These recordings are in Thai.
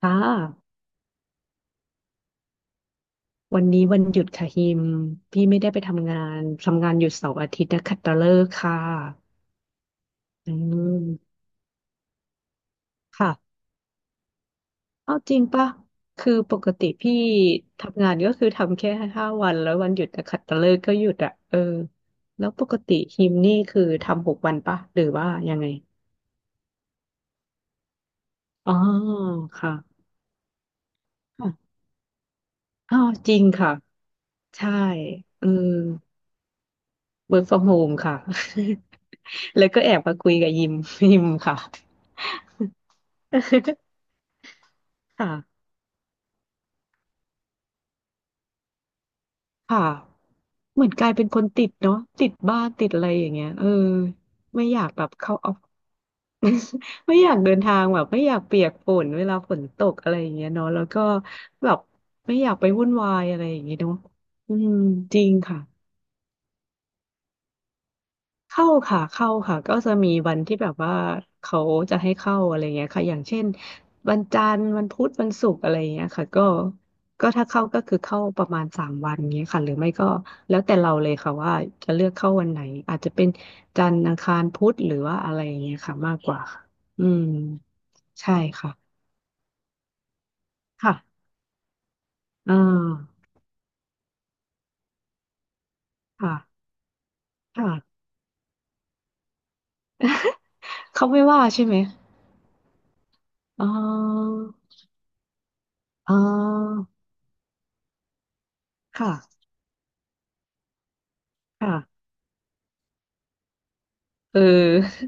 ค่ะวันนี้วันหยุดค่ะฮิมพี่ไม่ได้ไปทำงานหยุดเสาร์อาทิตย์นะขัดตฤกษ์ค่ะอืมค่ะเอาจริงปะคือปกติพี่ทำงานก็คือทำแค่ห้าวันแล้ววันหยุดนะขัดตฤกษ์ก็หยุดอ่ะเออแล้วปกติฮิมนี่คือทำหกวันปะหรือว่ายังไงอ๋อค่ะค่ะอ๋อจริงค่ะใช่เอืม work from home ค่ะ แล้วก็แอบมาคุยกับยิม ยิมค่ะ ค่ะ ค่ะเหมือนกลายเป็นคนติดเนาะติดบ้านติดอะไรอย่างเงี้ยเออไม่อยากแบบเข้าออฟไม่อยากเดินทางแบบไม่อยากเปียกฝนเวลาฝนตกอะไรอย่างเงี้ยเนาะแล้วก็แบบไม่อยากไปวุ่นวายอะไรอย่างเงี้ยเนาะอืมจริงค่ะ เข้าค่ะเข้าค่ะก็จะมีวันที่แบบว่าเขาจะให้เข้าอะไรเงี้ยค่ะอย่างเช่นวันจันทร์วันพุธวันศุกร์อะไรเงี้ยค่ะก็ก็ถ้าเข้าก็คือเข้าประมาณสามวันเงี้ยค่ะหรือไม่ก็แล้วแต่เราเลยค่ะว่าจะเลือกเข้าวันไหนอาจจะเป็นจันทร์อังคารพุธหรือว่าอะไรอย่างเงี้ยค่ะมากกว่าค่ะอืมใช่ค่ะค่ะอ่าค่ะค่ะเขาไม่ว่าใช่ไหมอ๋ออ๋อค่ะค่ะเออ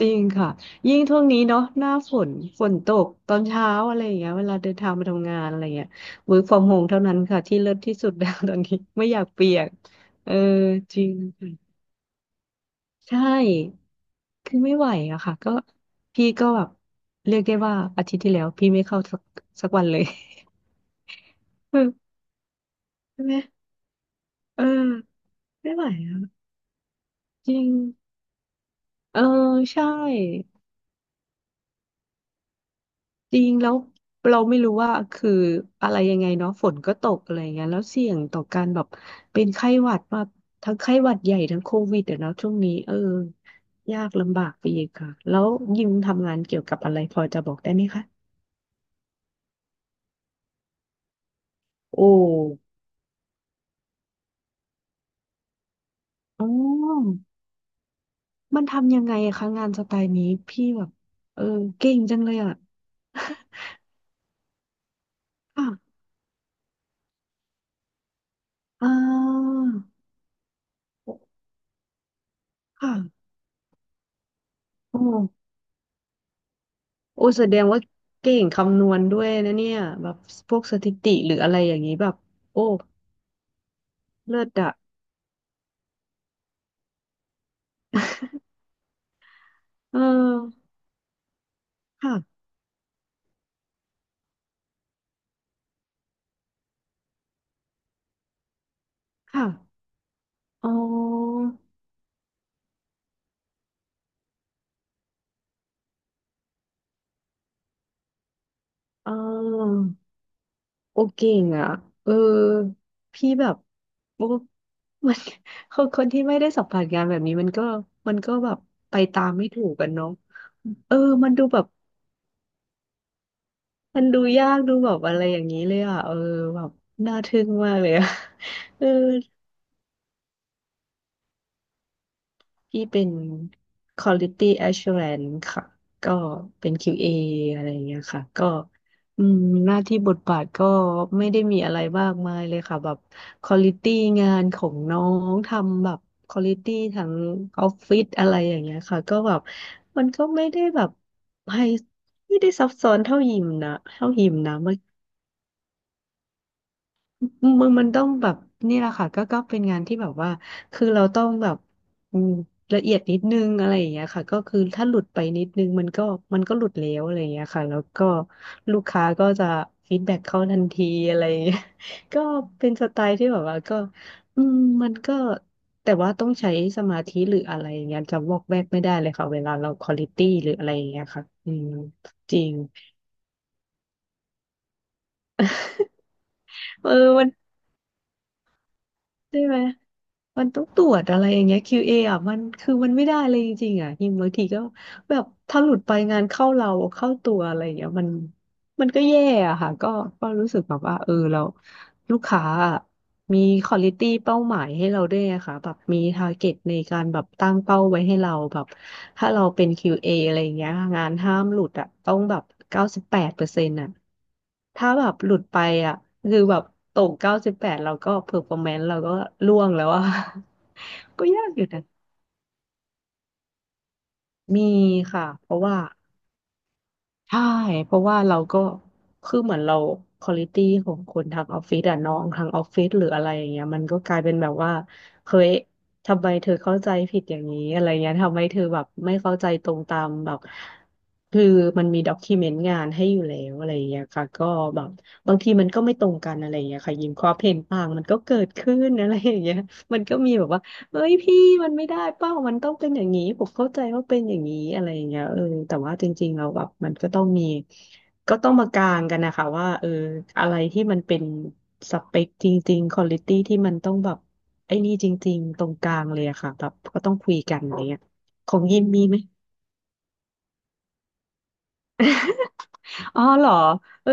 จริงค่ะยิ่งช่วงนี้เนาะหน้าฝนฝนตกตอนเช้าอะไรอย่างเงี้ยเวลาเดินทางมาทำงานอะไรเงี้ย work from home เท่านั้นค่ะที่เลิศที่สุด แล้ว ตอนนี้ไม่อยากเปียกเออจริงค่ะใช่คือไม่ไหวอะค่ะก็พี่ก็แบบเรียกได้ว่าอาทิตย์ที่แล้วพี่ไม่เข้าสักวันเลย เออใช่ไหมเออไม่ไหวอะจริงเออใช่ จริงแล้วเราไม่รู้ว่าคืออะไรยังไงเนาะฝนก็ตกอะไรอย่างเงี้ยแล้วเสี่ยงต่อการแบบเป็นไข้หวัดมากทั้งไข้หวัดใหญ่ทั้งโควิดอะเนาะช่วงนี้เออยากลำบากไปอีกค่ะแล้วยิมทำงานเกี่ยวกับอะไรพอจะบอกได้ไหมคะโอ้อ๋อมันทำยังไงอะคะงานสไตล์นี้พี่แบบเออเก่งจังเลยอะ ค่ะอ่าค่ะโอ้ โอ้ยแสดงว่าเก่งคำนวณด้วยนะเนี่ยแบบพวกสถิติหรืออะไรอย่างนี้แบบโอ้เลิศอะเออค่ะค่ะอ๋อเออโอเก่งอะเออพี่แบบโอ้มัน คนที่ไม่ได้สัมผัสงานแบบนี้มันก็แบบไปตามไม่ถูกกันเนาะเออมันดูแบบมันดูยากดูแบบอะไรอย่างนี้เลยอะเออแบบน่าทึ่งมากเลยอะ เออ พี่เป็น Quality Assurance ค่ะก็เป็น QA ออะไรอย่างเงี้ยค่ะก็อืมหน้าที่บทบาทก็ไม่ได้มีอะไรมากมายเลยค่ะแบบ Quality งานของน้องทำแบบ Quality ทั้งออฟฟิศอะไรอย่างเงี้ยค่ะก็แบบมันก็ไม่ได้แบบไฮไม่ได้ซับซ้อนเท่ายิมนะ มันต้องแบบนี่แหละค่ะก็ก็เป็นงานที่แบบว่าคือเราต้องแบบอืมละเอียดนิดนึงอะไรอย่างเงี้ยค่ะก็คือถ้าหลุดไปนิดนึงมันก็หลุดแล้วอะไรอย่างเงี้ยค่ะแล้วก็ลูกค้าก็จะฟีดแบ็กเข้าทันทีอะไรอย่างเงี้ย ก็เป็นสไตล์ที่แบบว่าก็อืมมันก็แต่ว่าต้องใช้สมาธิหรืออะไรอย่างเงี้ยจะวอกแวกไม่ได้เลยค่ะเวลาเราควอลิตี้หรืออะไรอย่างเงี้ยค่ะอืมจริงเออมัน ใช่ไหม มันต้องตรวจอะไรอย่างเงี้ย QA ออ่ะ มันคือมันไม่ได้เลยจริงๆ อ่ะฮิมบางทีก็แบบ ถ้าหลุดไปงานเข้าเรา เข้าตัวอะไรอย่างเงี้ยมัน มันก็แย่อะค่ะก็ก็รู้สึกแบบว่าเออเราลูกค้าอะมีควอลิตี้เป้าหมายให้เราด้วยอะค่ะแบบมีทาร์เก็ตในการแบบตั้งเป้าไว้ให้เราแบบถ้าเราเป็น QA ออะไรอย่างเงี้ยงานห้ามหลุดอะต้องแบบ98%อะถ้าแบบหลุดไปอะคือแบบตกเก้าสิบแปดเราก็เพอร์ฟอร์แมนซ์เราก็ร่วงแล้วอะ ก็ยากอยู่นะมีค่ะเพราะว่า ใช่เพราะว่าเราก็คือเหมือนเราควอลิตี้ของคนทางออฟฟิศอะน้องทางออฟฟิศหรืออะไรอย่างเงี้ยมันก็กลายเป็นแบบว่าเฮ้ยทำไมเธอเข้าใจผิดอย่างนี้อะไรเงี้ยทำไมเธอแบบไม่เข้าใจตรงตามแบบคือมันมีด็อกิเมนต์งานให้อยู่แล้วอะไรอย่างเงี้ยค่ะก็แบบบางทีมันก็ไม่ตรงกันอะไรอย่างเงี้ยค่ะยิมความเห็นต่างมันก็เกิดขึ้นอะไรอย่างเงี้ย มันก็มีแบบว่า เฮ้ยพี่มันไม่ได้เป้ามันต้องเป็นอย่างนี้ผมเข้าใจว่าเป็นอย่างนี้อะไรอย่างเงี้ยเออแต่ว่าจริงๆเราแล้วแบบมันก็ต้องมีก็ต้องมากลางกันนะคะว่าเอออะไรที่มันเป็นสเปคจริงๆควอลิตี้ที่มันต้องแบบไอ้นี่จริงๆตรงกลางเลยอะค่ะแบบก็ต้องคุยกันอะไรเงี้ยของยินมีไหมอ๋อเหรอเออ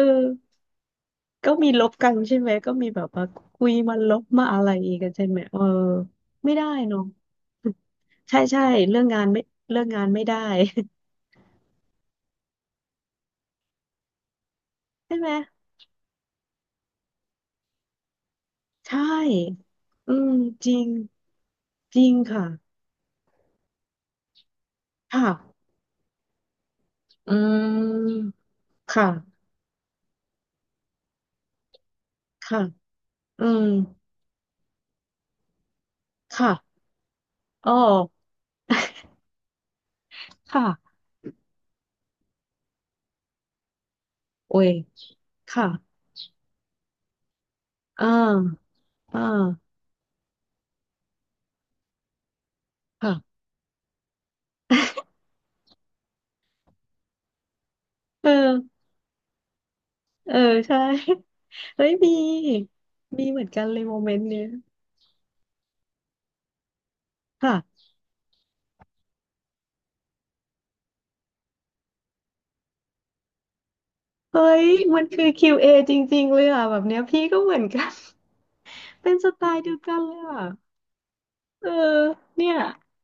ก็มีลบกันใช่ไหมก็มีแบบว่าคุยมาลบมาอะไรกันใช่ไหมเออไม่ได้เนอะใช่ใช่เรื่องงานไม่เรื่องงานไม่ได้ ใช่ไหมใช่อืมจริงจริงค่ะค่ะอืมค่ะค่ะอืมค่ะอ๋อ ค่ะโอ้ยค่ะอ่าอ่าค่ะ เออเออใช่เฮ้ยมีมีเหมือนกันเลยโมเมนต์เนี้ยค่ะเฮ้ยมันคือ q อจริงๆเลยอ่ะแบบเนี้ยพี่ก็เหมือนกัน เป็นสไตล์เดียวกันเลยอ่ะ เออเนี่ย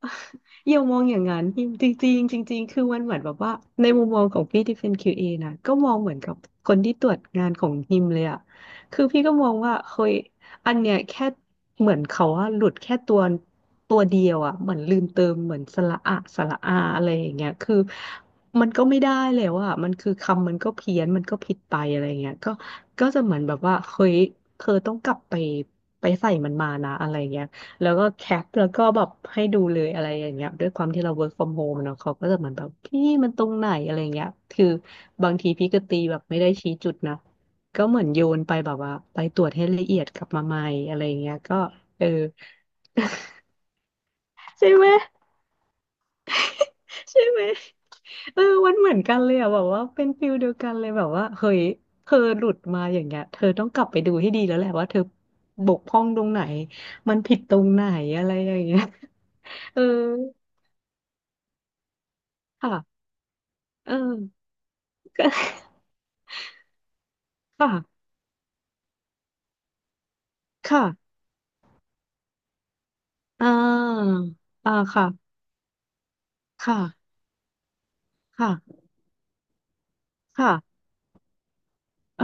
อย่ามองอย่างนั้นจริงจริงจริงจริงๆคือมันเหมือนแบบว่าในมุมมองของพี่ที่เป็น QA นะก็มองเหมือนกับคนที่ตรวจงานของฮิมเลยอะคือพี่ก็มองว่าเฮ้ยอันเนี้ยแค่เหมือนเขาว่าหลุดแค่ตัวเดียวอะเหมือนลืมเติมเหมือนสระอะสระอาอะไรอย่างเงี้ยคือมันก็ไม่ได้แล้วอะมันคือคำมันก็เพี้ยนมันก็ผิดไปอะไรอย่างเงี้ยก็ก็จะเหมือนแบบว่าเฮ้ยเธอต้องกลับไปไปใส่มันมานะอะไรเงี้ย แล้วก็แคปแล้วก็แบบให้ดูเลยอะไรอย่างเงี้ยด้วยความที่เรา work from home เนาะเขาก็จะเหมือนแบบพี่มันตรงไหนอะไรเงี้ยคือบางทีพี่ก็ตีแบบไม่ได้ชี้จุดนะก็เหมือนโยนไปแบบว่าไปตรวจให้ละเอียดกลับมาใหม่อะไรเงี้ยก็เออใช่ไหมใช่ไหมเออมันเหมือนกันเลยอะแบบว่าเป็นฟิลเดียวกันเลยแบบว่าเฮ้ยเธอหลุดมาอย่างเงี้ยเธอต้องกลับไปดูให้ดีแล้วแหละว่าเธอบกพร่องตรงไหนมันผิดตรงไหนอะไรอย่างเงี้ยเออค่ะเออก็ ค่ะค่ะอ่าอ่าค่ะค่ะค่ะค่ะเออ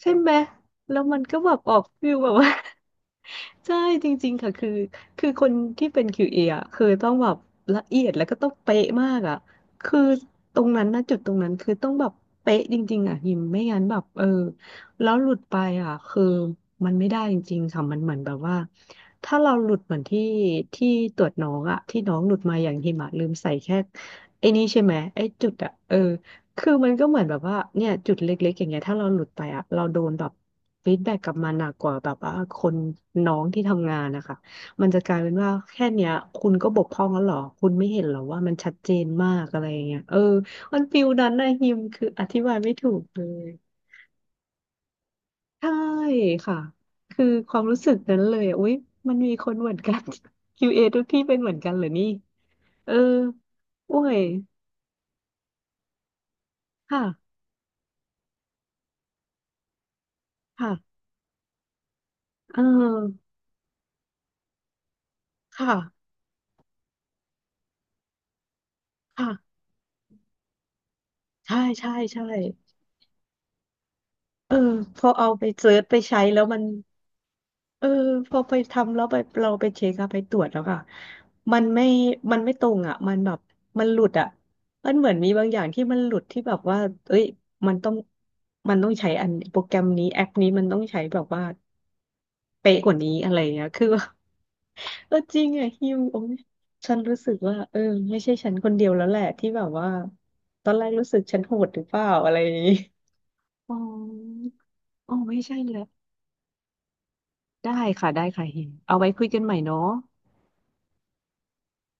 ใช่ไหมแล้วมันก็แบบออกฟิลแบบว่า ใช่จริงๆค่ะคือคือคนที่เป็น q เออ่ะคือต้องแบบละเอียดแล้วก็ต้องเป๊ะมากอ่ะคือตรงนั้นนะจุดตรงนั้นคือต้องแบบเป๊ะจริงๆอ่ะหิมไม่งั้นแบบเออแล้วหลุดไปอ่ะคือมันไม่ได้จริงๆค่ะมันเหมือนแบบว่าถ้าเราหลุดเหมือนที่ตรวจน้องอ่ะที่น้องหลุดมาอย่างหิมะลืมใส่แค่ไอ้นี่ใช่ไหมไอ้จุดอ่ะเออ คือมันก็เหมือนแบบว่าเนี่ยจุดเล็กๆอย่างเงี้ยถ้าเราหลุดไปอะเราโดนแบบฟีดแบ็กกลับมาหนักกว่าแบบว่าคนน้องที่ทำงานนะคะมันจะกลายเป็นว่าแค่เนี้ยคุณก็บกพร่องแล้วเหรอคุณไม่เห็นเหรอว่ามันชัดเจนมากอะไรอย่างเงี้ยเออมันฟิลนั้นนะฮิมคืออธิบายไม่ถูกเลยใช่ค่ะคือความรู้สึกนั้นเลยอุ๊ยมันมีคนเหมือนกัน คิวเ a ทุกที่เป็นเหมือนกันเหรอนี่เออโอ้ยค่ะค่ะเออค่ะค่ะ ใช่ใช่ใช่เออพอเอาไปเซิร์ชไปใช้แล้วมันเออพอไปทำแล้วไปเราไปเช็คอะไปตรวจแล้วค่ะมันไม่ มันไม่ตรงอะมันแบบมันหลุดอะมันเหมือนมีบางอย่างที่มันหลุดที่แบบว่าเอ้ยมันต้อง มันต้องใช้อันโปรแกรมนี้แอปนี้มันต้องใช้แบบว่าเป๊ะกว่านี้อะไรเงี้ยคือว่าเออจริงอะฮิวโอ้ยฉันรู้สึกว่าเออไม่ใช่ฉันคนเดียวแล้วแหละที่แบบว่าตอนแรกรู้สึกฉันโหดหรือเปล่าอะไรอย่างงี้ อ๋อ อ๋อไม่ใช่แล้วได้ค่ะได้ค่ะเฮงเอาไว้คุยกันใหม่เนาะ